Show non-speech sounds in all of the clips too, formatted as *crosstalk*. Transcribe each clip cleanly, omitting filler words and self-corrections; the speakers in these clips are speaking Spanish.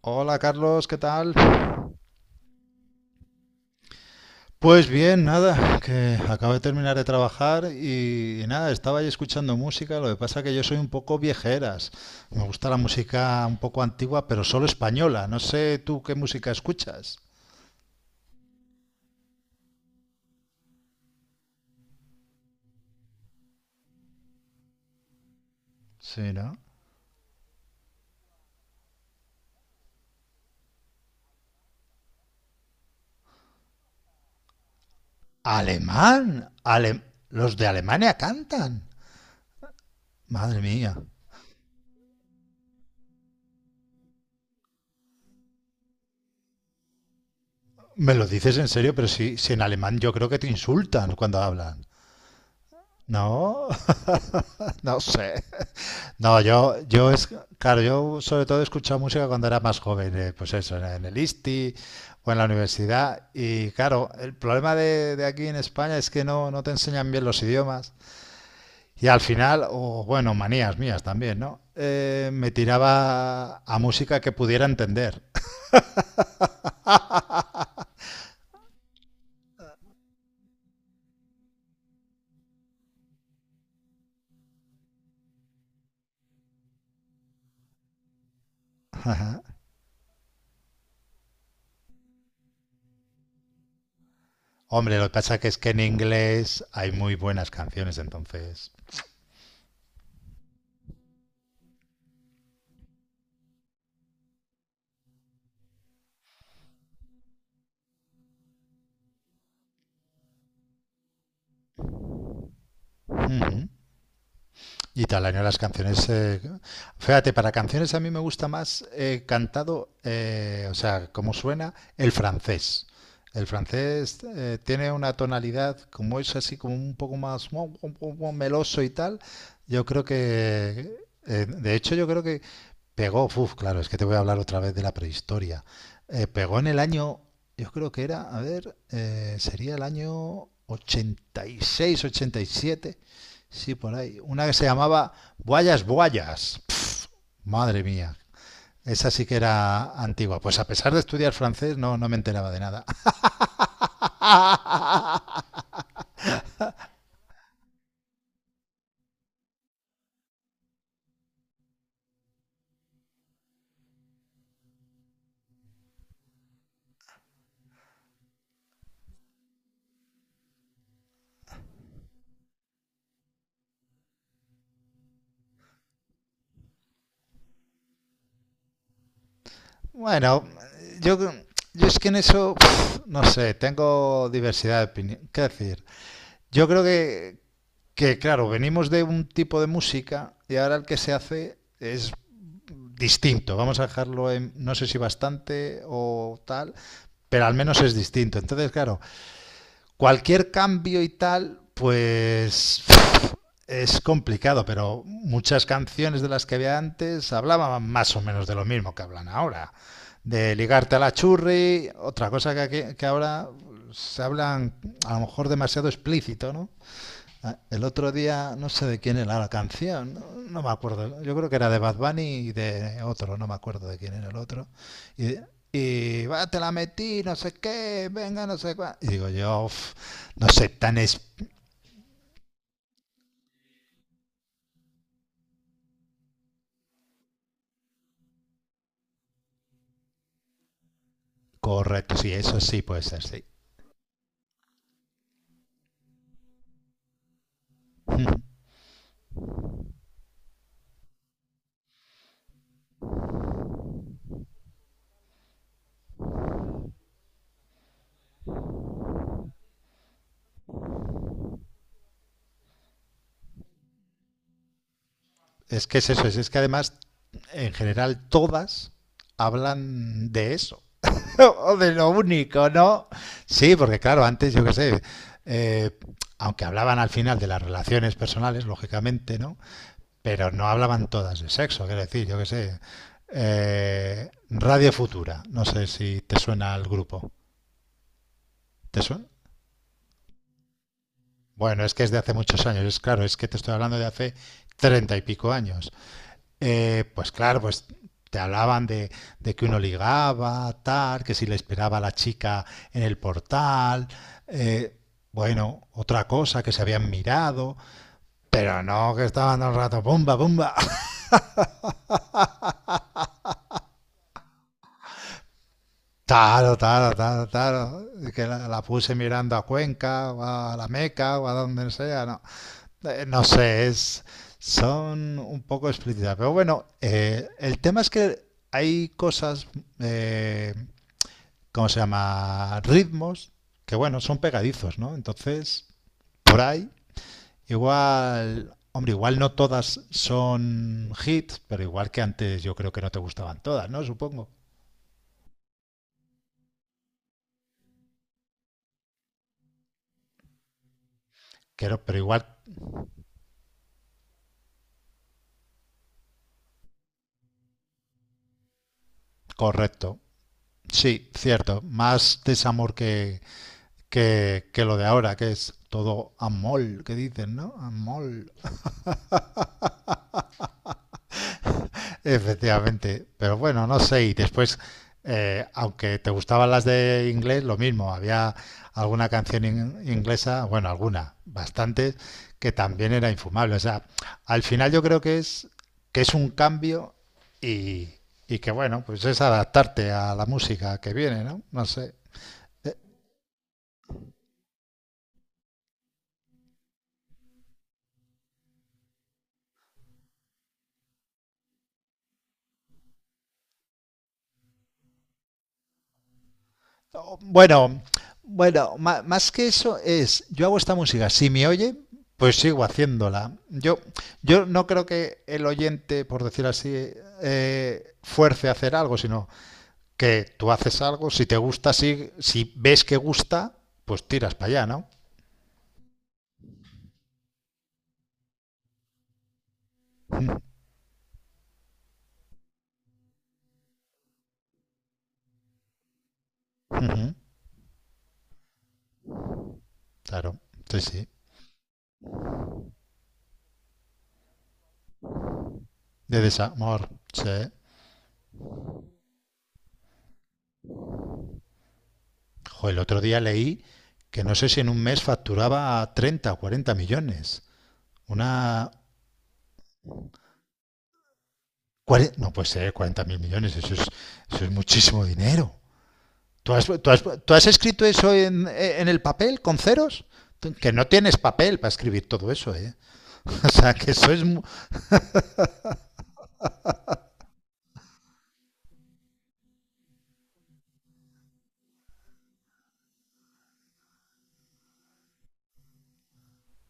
Hola Carlos, ¿qué tal? Pues bien, nada, que acabo de terminar de trabajar y nada, estaba ahí escuchando música, lo que pasa que yo soy un poco viejeras. Me gusta la música un poco antigua, pero solo española. No sé tú qué música escuchas. Sí, ¿no? Alemán, los de Alemania cantan. Madre mía. Me lo dices en serio, pero si en alemán yo creo que te insultan cuando hablan. No, *laughs* no sé. No, yo es, claro, yo sobre todo he escuchado música cuando era más joven, pues eso, en el ISTI o en la universidad. Y claro, el problema de aquí en España es que no te enseñan bien los idiomas. Y al final, o bueno, manías mías también, ¿no? Me tiraba a música que pudiera entender. Hombre, lo que pasa que es que en inglés hay muy buenas canciones, entonces. Ujú. Y Talanio las canciones, fíjate, para canciones a mí me gusta más cantado, o sea, como suena el francés. El francés tiene una tonalidad, como es así, como un poco más meloso y tal. Yo creo que, de hecho, yo creo que pegó, uf, claro, es que te voy a hablar otra vez de la prehistoria. Pegó en el año, yo creo que era, a ver, sería el año 86, 87. Sí, por ahí. Una que se llamaba Boyas Boyas. Madre mía. Esa sí que era antigua. Pues a pesar de estudiar francés, no me enteraba de nada. *laughs* Bueno, yo, yo es que en eso, pf, no sé, tengo diversidad de opinión. ¿Qué decir? Yo creo que, que claro, venimos de un tipo de música y ahora el que se hace es distinto. Vamos a dejarlo en, no sé si bastante o tal, pero al menos es distinto. Entonces, claro, cualquier cambio y tal, pues es complicado, pero muchas canciones de las que había antes hablaban más o menos de lo mismo que hablan ahora. De ligarte a la churri, otra cosa que ahora se hablan a lo mejor demasiado explícito, ¿no? Ah, el otro día, no sé de quién era la canción, no, no me acuerdo. Yo creo que era de Bad Bunny y de otro, no me acuerdo de quién era el otro. Y, y "Ah, te la metí, no sé qué, venga, no sé cuál". Y digo yo, "Uf, no sé, tan es correcto". Sí, eso sí puede ser, sí. *laughs* Es que es eso, es que además, en general, todas hablan de eso. *laughs* O de lo único, ¿no? Sí, porque claro, antes yo qué sé, eh, aunque hablaban al final de las relaciones personales, lógicamente, ¿no? Pero no hablaban todas de sexo, quiero decir, yo qué sé. Radio Futura, no sé si te suena al grupo. ¿Te suena? Bueno, es que es de hace muchos años, es claro, es que te estoy hablando de hace 30 y pico años. Pues claro, pues te hablaban de que uno ligaba, tal, que si le esperaba a la chica en el portal, eh, bueno, otra cosa que se habían mirado, pero no que estaban todo el rato, bomba, bomba, *laughs* taro, taro, taro, taro, que la puse mirando a Cuenca, o a la Meca, o a donde sea, no, no sé, es, son un poco explícitas, pero bueno, el tema es que hay cosas eh, ¿cómo se llama? Ritmos, que bueno, son pegadizos, ¿no? Entonces, por ahí, igual, hombre, igual no todas son hits, pero igual que antes yo creo que no te gustaban todas, ¿no? Supongo. Pero igual, correcto. Sí, cierto. Más desamor que, que lo de ahora, que es todo amol, que dicen, ¿no? Amol. Efectivamente, pero bueno, no sé, y después, aunque te gustaban las de inglés, lo mismo, había alguna canción inglesa, bueno, alguna, bastantes, que también era infumable. O sea, al final yo creo que es un cambio y, y que bueno, pues es adaptarte a la música que viene, ¿no? No sé. Bueno, bueno, más que eso es, yo hago esta música, si me oye, pues sigo haciéndola. Yo no creo que el oyente, por decir así, fuerce a hacer algo, sino que tú haces algo, si te gusta, si ves que gusta, pues tiras para allá, ¿no? Mm, ujú, claro, sí, sí. De desamor, sí. Jo, el otro día leí que no sé si en un mes facturaba 30 o 40 millones. Una, no puede ser 40 mil millones, eso es muchísimo dinero. ¿Tú has, tú has escrito eso en el papel con ceros? Que no tienes papel para escribir todo eso, ¿eh? *laughs* O sea, que eso es... mu-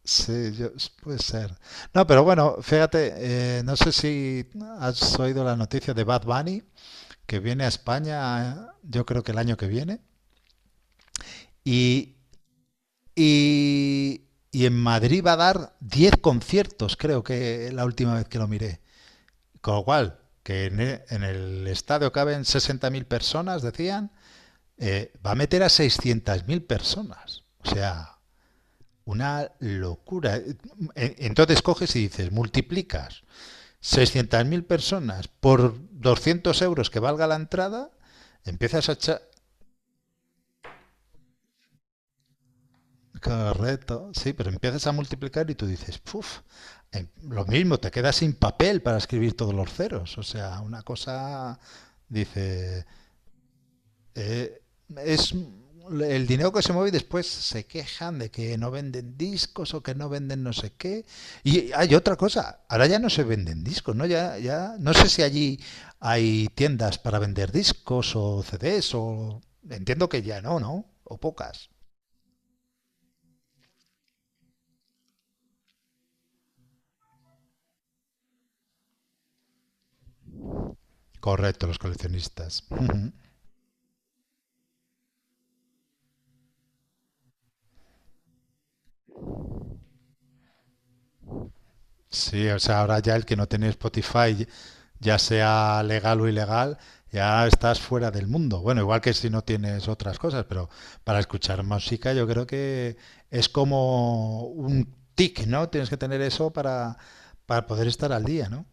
Sí, puede ser. No, pero bueno, fíjate, no sé si has oído la noticia de Bad Bunny, que viene a España, yo creo que el año que viene, y, y en Madrid va a dar 10 conciertos, creo que la última vez que lo miré. Con lo cual, que en en el estadio caben 60.000 personas, decían, va a meter a 600.000 personas. O sea, una locura. Entonces coges y dices, multiplicas 600.000 personas por 200 euros que valga la entrada, empiezas a echar... Correcto, sí, pero empiezas a multiplicar y tú dices, puf, lo mismo, te quedas sin papel para escribir todos los ceros. O sea, una cosa, dice, Eh, es el dinero que se mueve y después se quejan de que no venden discos o que no venden no sé qué. Y hay otra cosa, ahora ya no se venden discos, ¿no? Ya, no sé si allí hay tiendas para vender discos o CDs o... Entiendo que ya no, ¿no? O pocas. Correcto, los coleccionistas. Ujú. Sí, o sea, ahora ya el que no tiene Spotify, ya sea legal o ilegal, ya estás fuera del mundo. Bueno, igual que si no tienes otras cosas, pero para escuchar música yo creo que es como un tic, ¿no? Tienes que tener eso para poder estar al día, ¿no?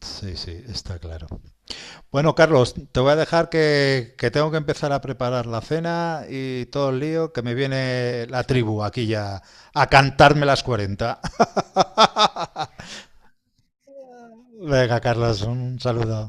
Sí, sí, está claro. Bueno, Carlos, te voy a dejar que tengo que empezar a preparar la cena y todo el lío, que me viene la tribu aquí ya a cantarme las 40. *laughs* Venga, Carlos, un saludo.